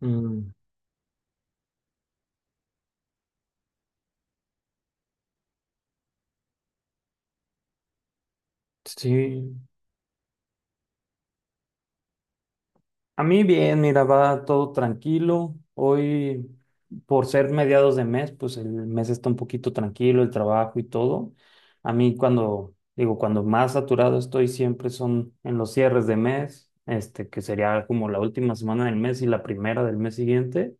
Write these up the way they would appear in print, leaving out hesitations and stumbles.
Mm, sí, a mí bien, mira, va todo tranquilo. Hoy, por ser mediados de mes, pues el mes está un poquito tranquilo, el trabajo y todo. A mí cuando, digo, cuando más saturado estoy siempre son en los cierres de mes, que sería como la última semana del mes y la primera del mes siguiente.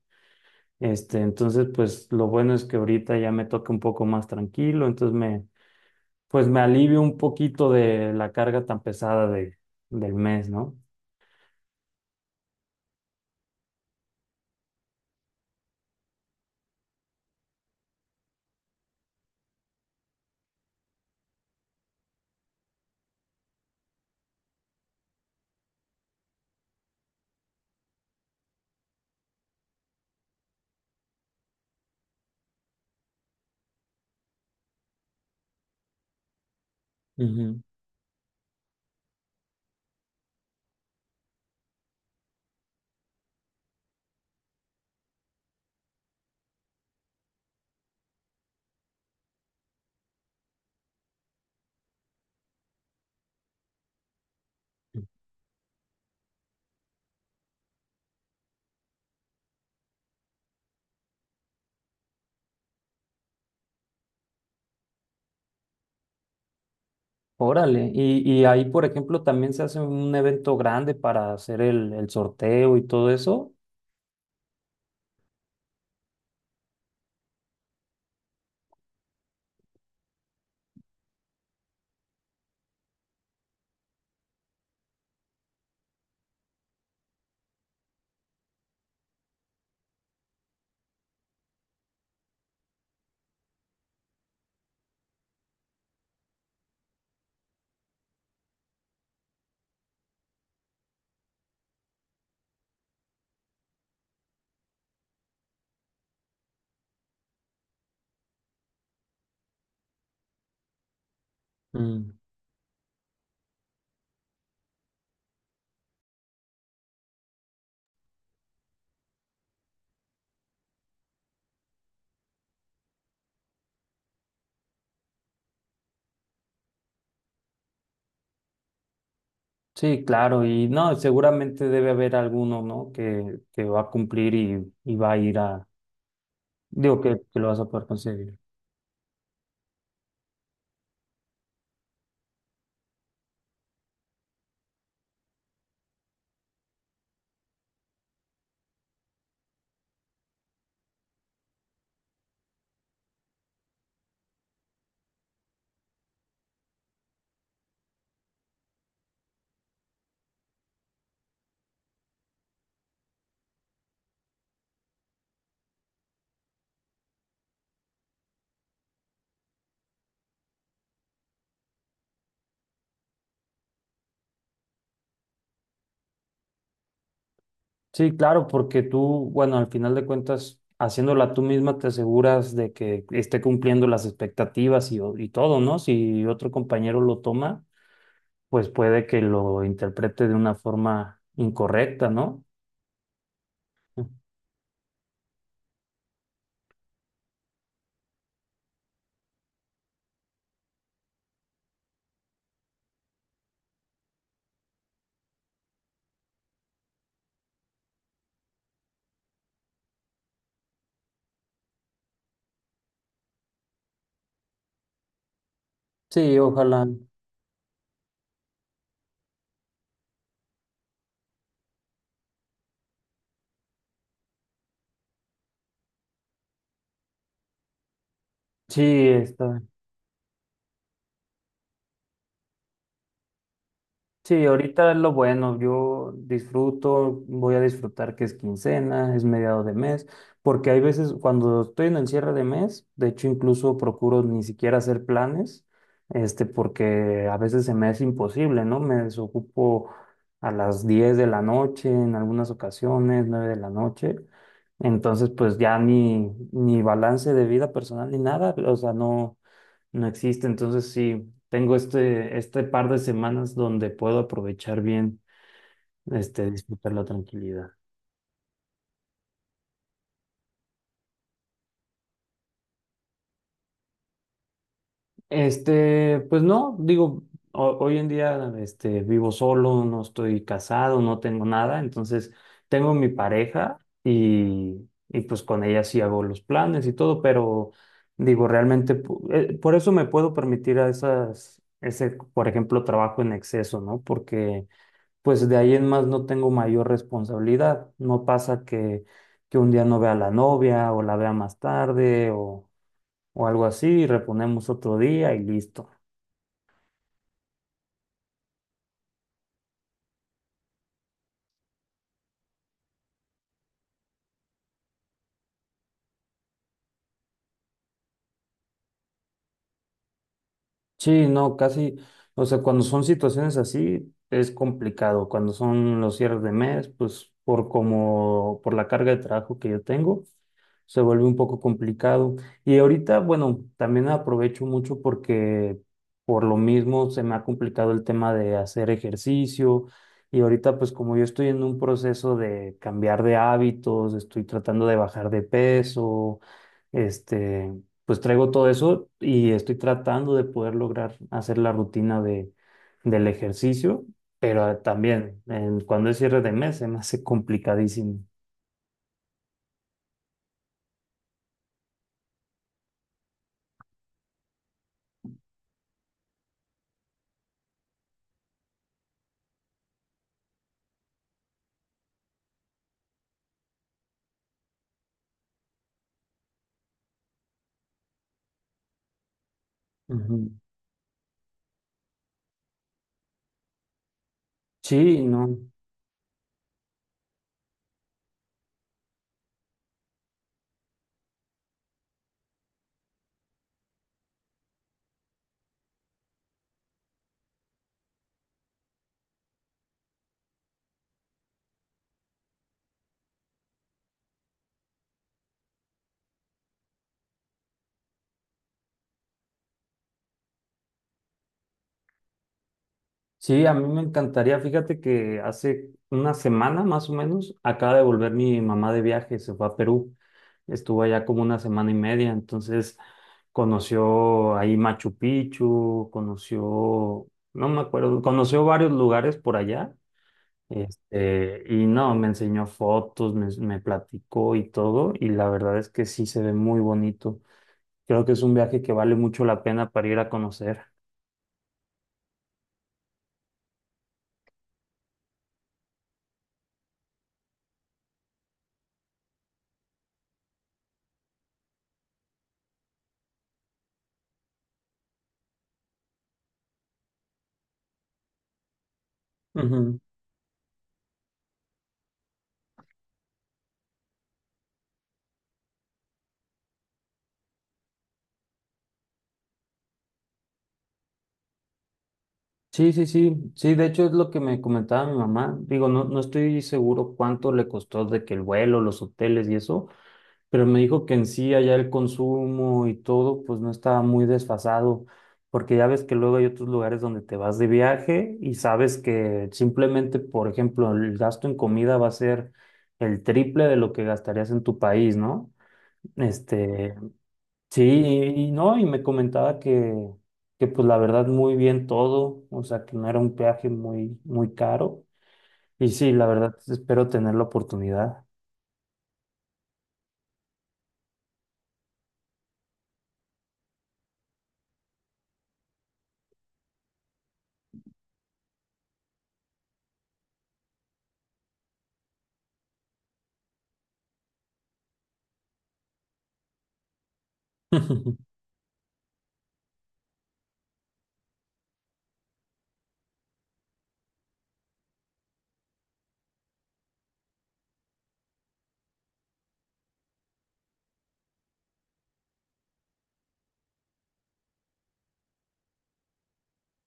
Entonces, pues lo bueno es que ahorita ya me toca un poco más tranquilo, entonces pues me alivio un poquito de la carga tan pesada del mes, ¿no? Órale, y ahí, por ejemplo, también se hace un evento grande para hacer el sorteo y todo eso. Mm, sí, claro, y no, seguramente debe haber alguno, ¿no? Que va a cumplir y va a digo, que lo vas a poder conseguir. Sí, claro, porque tú, bueno, al final de cuentas, haciéndola tú misma te aseguras de que esté cumpliendo las expectativas y todo, ¿no? Si otro compañero lo toma, pues puede que lo interprete de una forma incorrecta, ¿no? Sí, ojalá. Sí, está. Sí, ahorita es lo bueno. Yo disfruto, voy a disfrutar que es quincena, es mediado de mes, porque hay veces cuando estoy en el cierre de mes, de hecho incluso procuro ni siquiera hacer planes, porque a veces se me es imposible, ¿no? Me desocupo a las 10 de la noche, en algunas ocasiones, 9 de la noche. Entonces, pues ya ni balance de vida personal ni nada, o sea, no existe. Entonces sí, tengo este par de semanas donde puedo aprovechar bien, disfrutar la tranquilidad. Pues no, digo, hoy en día, vivo solo, no estoy casado, no tengo nada, entonces tengo mi pareja y pues con ella sí hago los planes y todo, pero digo, realmente, por eso me puedo permitir a ese, por ejemplo, trabajo en exceso, ¿no? Porque pues de ahí en más no tengo mayor responsabilidad. No pasa que un día no vea a la novia o la vea más tarde o algo así, y reponemos otro día y listo. Sí, no, casi, o sea, cuando son situaciones así es complicado. Cuando son los cierres de mes, pues por la carga de trabajo que yo tengo. Se vuelve un poco complicado. Y ahorita, bueno, también aprovecho mucho porque por lo mismo se me ha complicado el tema de hacer ejercicio. Y ahorita, pues como yo estoy en un proceso de cambiar de hábitos, estoy tratando de bajar de peso, este, pues traigo todo eso y estoy tratando de poder lograr hacer la rutina del ejercicio, pero también cuando es cierre de mes se me hace complicadísimo. Ujú. Sí, no. Sí, a mí me encantaría. Fíjate que hace una semana más o menos acaba de volver mi mamá de viaje, se fue a Perú. Estuvo allá como una semana y media, entonces conoció ahí Machu Picchu, conoció, no me acuerdo, conoció varios lugares por allá. Y no, me enseñó fotos, me platicó y todo, y la verdad es que sí se ve muy bonito. Creo que es un viaje que vale mucho la pena para ir a conocer. Ujú. Sí, sí, sí, sí, de hecho es lo que me comentaba mi mamá. Digo, no, no estoy seguro cuánto le costó de que el vuelo, los hoteles y eso, pero me dijo que en sí allá el consumo y todo, pues no estaba muy desfasado, porque ya ves que luego hay otros lugares donde te vas de viaje y sabes que simplemente, por ejemplo, el gasto en comida va a ser el triple de lo que gastarías en tu país, ¿no? Este, Sí, y no, y me comentaba que pues la verdad muy bien todo, o sea que no era un peaje muy, muy caro. Y sí, la verdad espero tener la oportunidad.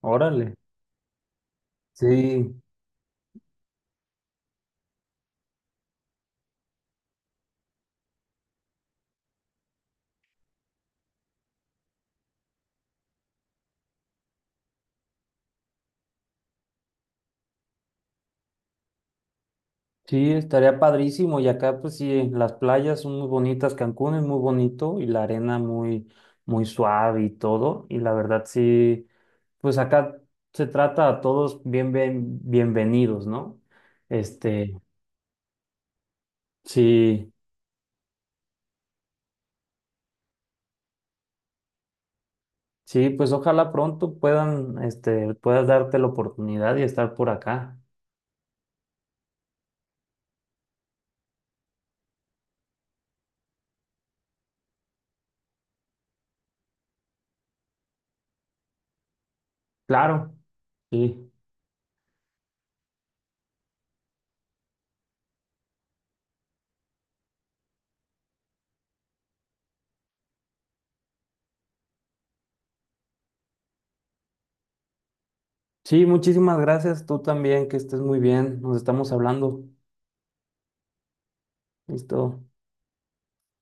Órale. Sí, sí, estaría padrísimo. Y acá pues sí, las playas son muy bonitas, Cancún es muy bonito y la arena muy, muy suave y todo. Y la verdad sí, pues acá se trata a todos bien, bienvenidos, ¿no? Este, sí. Sí, pues ojalá pronto puedan, puedas darte la oportunidad y estar por acá. Claro, sí. Sí, muchísimas gracias. Tú también, que estés muy bien. Nos estamos hablando. Listo.